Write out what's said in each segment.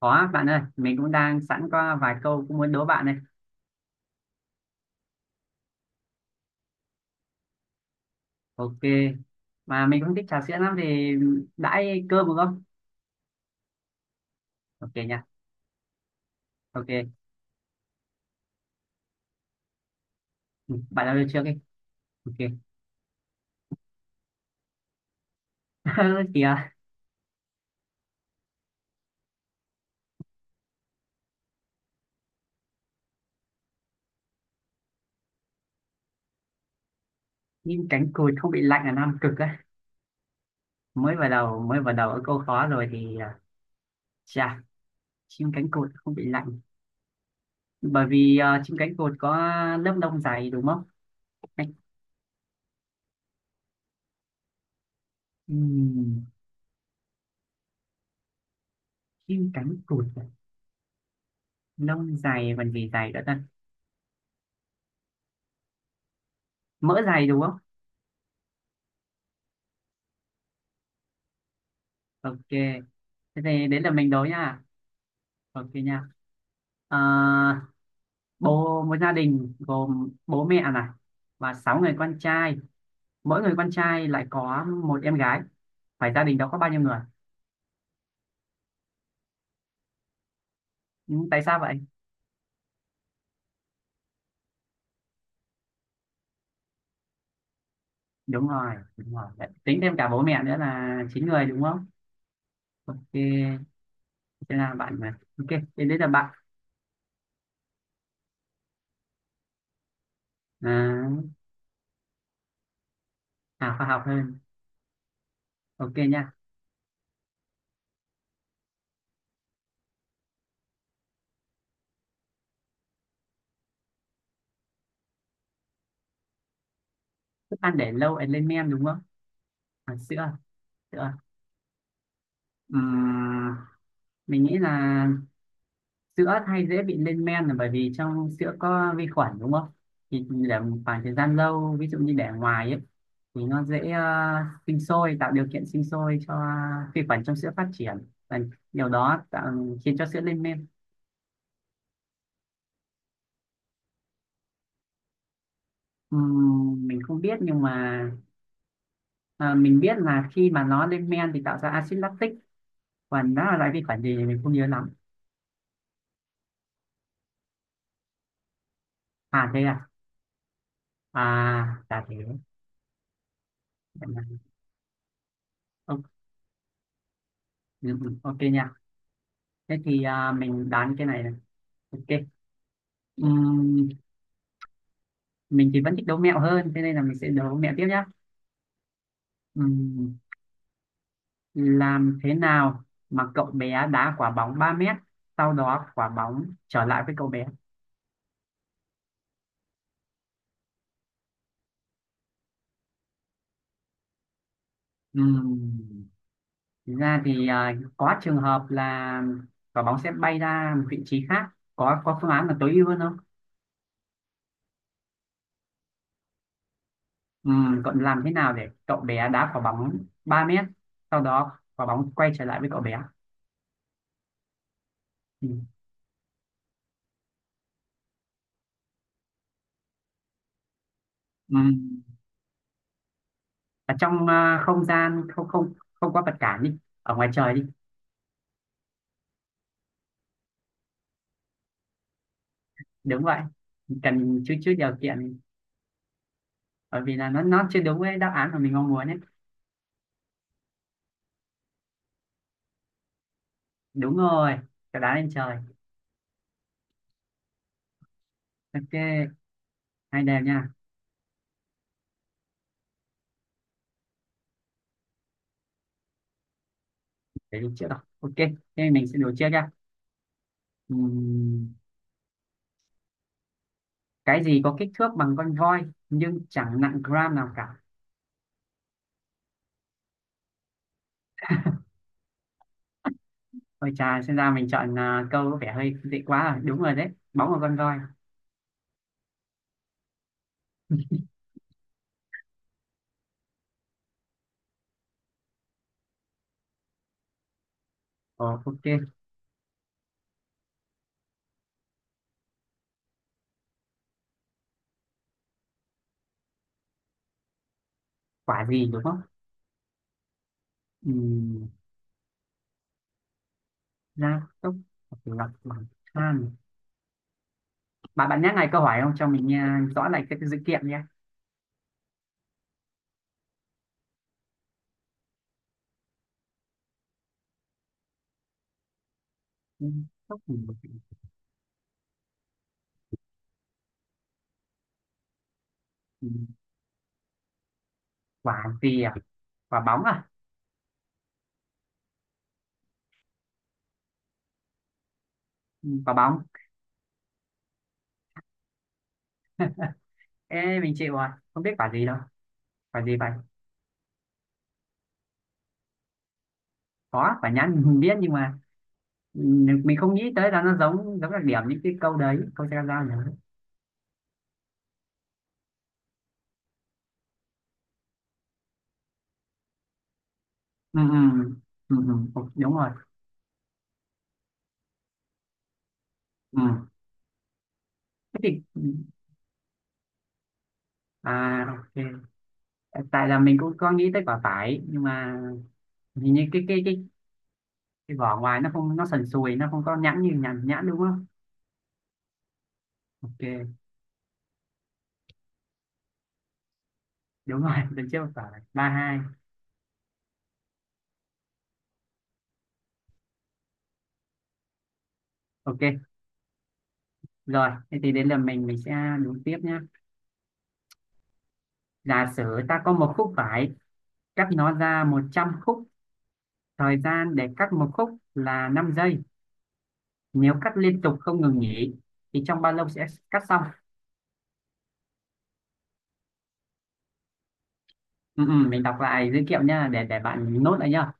Có bạn ơi, mình cũng đang sẵn có vài câu cũng muốn đố bạn này. Ok, mà mình cũng thích trà sữa lắm thì đãi cơm được không? Ok nha, ok. Ừ, bạn đã được chưa đi? Ok. Kìa, nhưng cánh cụt không bị lạnh là Nam Cực á. Mới vào đầu ở câu khó rồi chà, chim cánh cụt không bị lạnh. Bởi vì chim cánh cụt có lớp lông dày đúng không? Cánh- ừm, chim cánh cụt, à? Lông dày còn gì dày nữa ta? Mỡ dày đúng không? Ok, thế thì đến là mình đố nha. Ok nha. Ờ, bố một gia đình gồm bố mẹ này và 6 người con trai, mỗi người con trai lại có một em gái, phải gia đình đó có bao nhiêu người? Ừ, tại sao vậy? Đúng rồi, đúng rồi. Đấy, tính thêm cả bố mẹ nữa là 9 người đúng không? Ok, thế là bạn mà ok. Thế đấy là bạn. à, khoa học hơn. Ok nha. Thức ăn để lâu ấy lên men đúng không? Sữa sữa. Ừm, mình nghĩ là sữa hay dễ bị lên men là bởi vì trong sữa có vi khuẩn đúng không? Thì để một khoảng thời gian lâu, ví dụ như để ngoài ấy thì nó dễ, sinh sôi, tạo điều kiện sinh sôi cho vi khuẩn trong sữa phát triển, và điều đó tạo, khiến cho sữa lên men. Mình không biết nhưng mà, ờ, mình biết là khi mà nó lên men thì tạo ra axit lactic, còn nó là loại vi khuẩn gì thì mình không nhớ lắm. À thế à. À là thế. Vậy là- ok, ừ, ừ, ok nha. Thế mình đoán cái này này. Ok. Ừm, mình thì vẫn thích đố mẹo hơn, thế nên là mình sẽ đố mẹo tiếp nhé. Ừm, làm thế nào mà cậu bé đá quả bóng 3 mét sau đó quả bóng trở lại với cậu bé? Ừm, Thực ra có trường hợp là quả bóng sẽ bay ra một vị trí khác, có phương án là tối ưu hơn không? Cậu làm thế nào để cậu bé đá quả bóng 3 mét sau đó quả bóng quay trở lại với cậu bé? Ừm, ừm, ở trong không gian không không không có vật cản đi, ở ngoài trời đi. Đúng vậy, cần chút chút điều kiện, bởi vì là nó chưa đúng với đáp án mà mình mong muốn ấy. Đúng rồi, cả đá lên trời. Ok, hai đều nha. Để đi trước rồi ok, thế mình sẽ đổ trước nha. Ừm, cái gì có kích thước bằng con voi nhưng chẳng nặng gram nào cả? Ôi chà, xem ra mình chọn câu có vẻ hơi dễ quá rồi. Đúng rồi đấy, bóng của con voi. Ồ, ok. Quả gì đúng không? Ừm, gia tốc lọc bằng than. Bạn bạn nhắc lại câu hỏi không cho mình nghe rõ lại cái dữ kiện nhé. Ừ, Sóc thì một cái- ừ, quả gì à? Quả bóng à? Ừ, quả bóng. Ê, mình chịu rồi, không biết quả gì đâu. Quả gì vậy? Có, quả nhãn mình biết nhưng mà, ừ, mình không nghĩ tới là nó giống giống đặc điểm những cái câu đấy, câu tra ra nhỉ. Ừ, ừ, ừ, ừ, ừ, đúng rồi. Ừ. Thế thì ok. Tại là mình cũng có nghĩ tới quả vải nhưng mà hình như cái vỏ ngoài nó không, nó sần sùi, nó không có nhẵn như nhãn, nhãn đúng không? Ok. Đúng rồi, lần trước quả 3-2. Ok. Rồi, thế thì đến lượt mình sẽ đúng tiếp nhé. Giả sử ta có một khúc vải, cắt nó ra 100 khúc, thời gian để cắt một khúc là 5 giây. Nếu cắt liên tục không ngừng nghỉ thì trong bao lâu sẽ cắt xong? Ừ, ừ, mình đọc lại dữ liệu nhá, để bạn nốt lại nhá.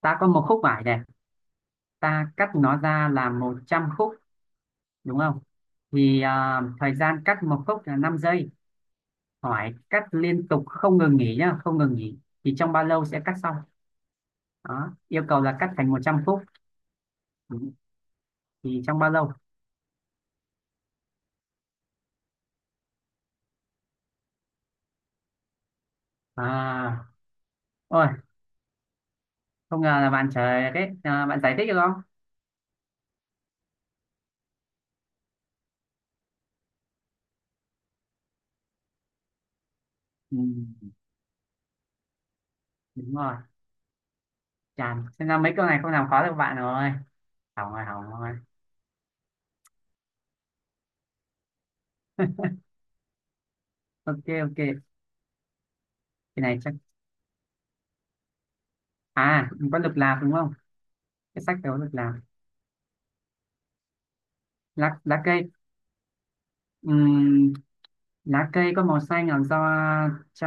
Ta có một khúc vải này, ta cắt nó ra là 100 khúc đúng không? Thời gian cắt một khúc là 5 giây. Hỏi cắt liên tục không ngừng nghỉ nhá, không ngừng nghỉ thì trong bao lâu sẽ cắt xong? Đó, yêu cầu là cắt thành 100 khúc. Ừ. Thì trong bao lâu? À ôi không ngờ là bạn trời đấy à, bạn giải thích được không? Ừ, đúng rồi. Chàn, xem ra mấy câu này không làm khó được bạn rồi, hỏng rồi hỏng rồi. Ok, ok, cái này chắc có lục lạc đúng không, cái sách đó lục lạc. Lá cây. Ừm, Lá cây có màu xanh là do cho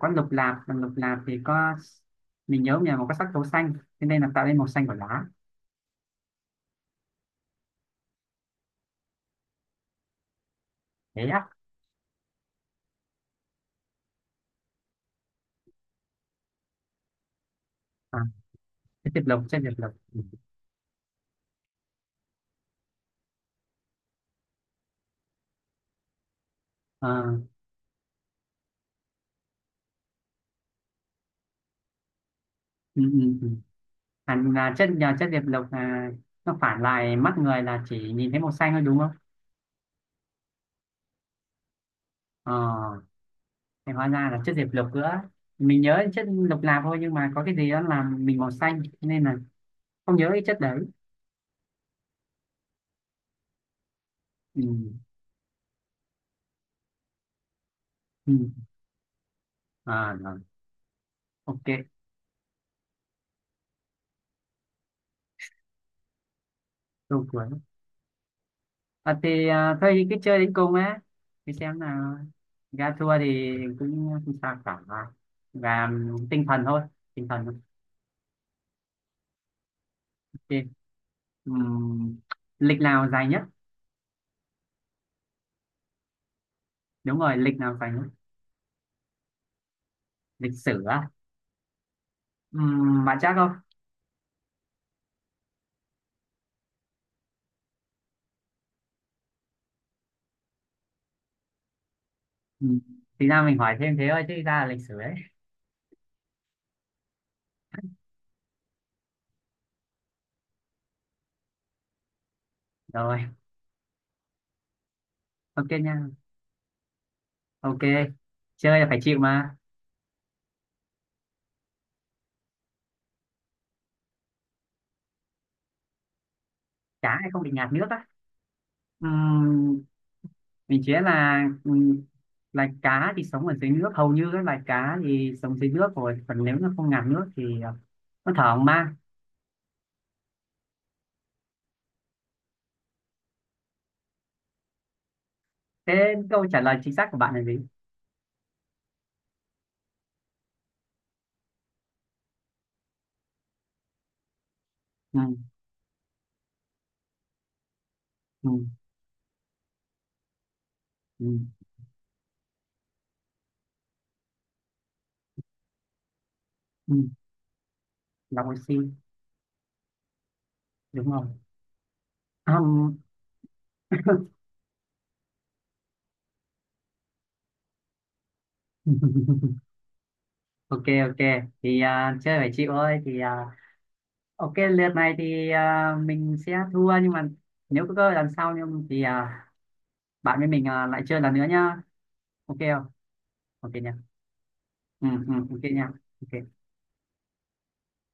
có lục lạc, còn lục lạc thì có, mình nhớ nhà mà có sắc tố xanh, thế nên là tạo nên màu xanh của lá. Thế á? à, cái tiệp lộc trên tiệp lộc. Ừ. Ờ, ừ, ừ, ừ. Là chất nhờ chất diệp lục là nó phản lại mắt người, là chỉ nhìn thấy màu xanh thôi đúng không? ờ thì hóa ra là chất diệp lục nữa. Mình nhớ chất lục lạp thôi nhưng mà có cái gì đó làm mình màu xanh nên là không nhớ cái chất đấy. Ừ. Ừ. À, rồi. Ok, câu cuối. Thôi cứ chơi đến cùng á, thì xem nào. Ra thua thì cũng không sao cả, và tinh thần thôi, tinh thần. Ok. Ừm, lịch nào dài nhất? Đúng rồi, lịch nào dài nhất? Lịch sử á? Bạn chắc không? Ừm, thì ra mình hỏi thêm thế thôi chứ ra là lịch sử đấy. Rồi. Ok nha, ok. Chơi là phải chịu mà. Cá thì không bị ngạt nước á? Ừm, mình chế là, loài cá thì sống ở dưới nước, hầu như các loài cá thì sống dưới nước rồi, còn nếu nó không ngạt nước thì, nó thở không mang. Thế câu trả lời chính xác của bạn là gì? Ừ, ừ, ừ, ừ, lọc oxy đúng không? Ừm. Ok, ok thì chơi phải chịu thôi ok lượt này mình sẽ thua nhưng mà nếu có cơ hội lần sau nhưng bạn với mình lại chơi lần nữa nhá. Ok không? Ok nha. Ừ, ừ, ok nha. Ok.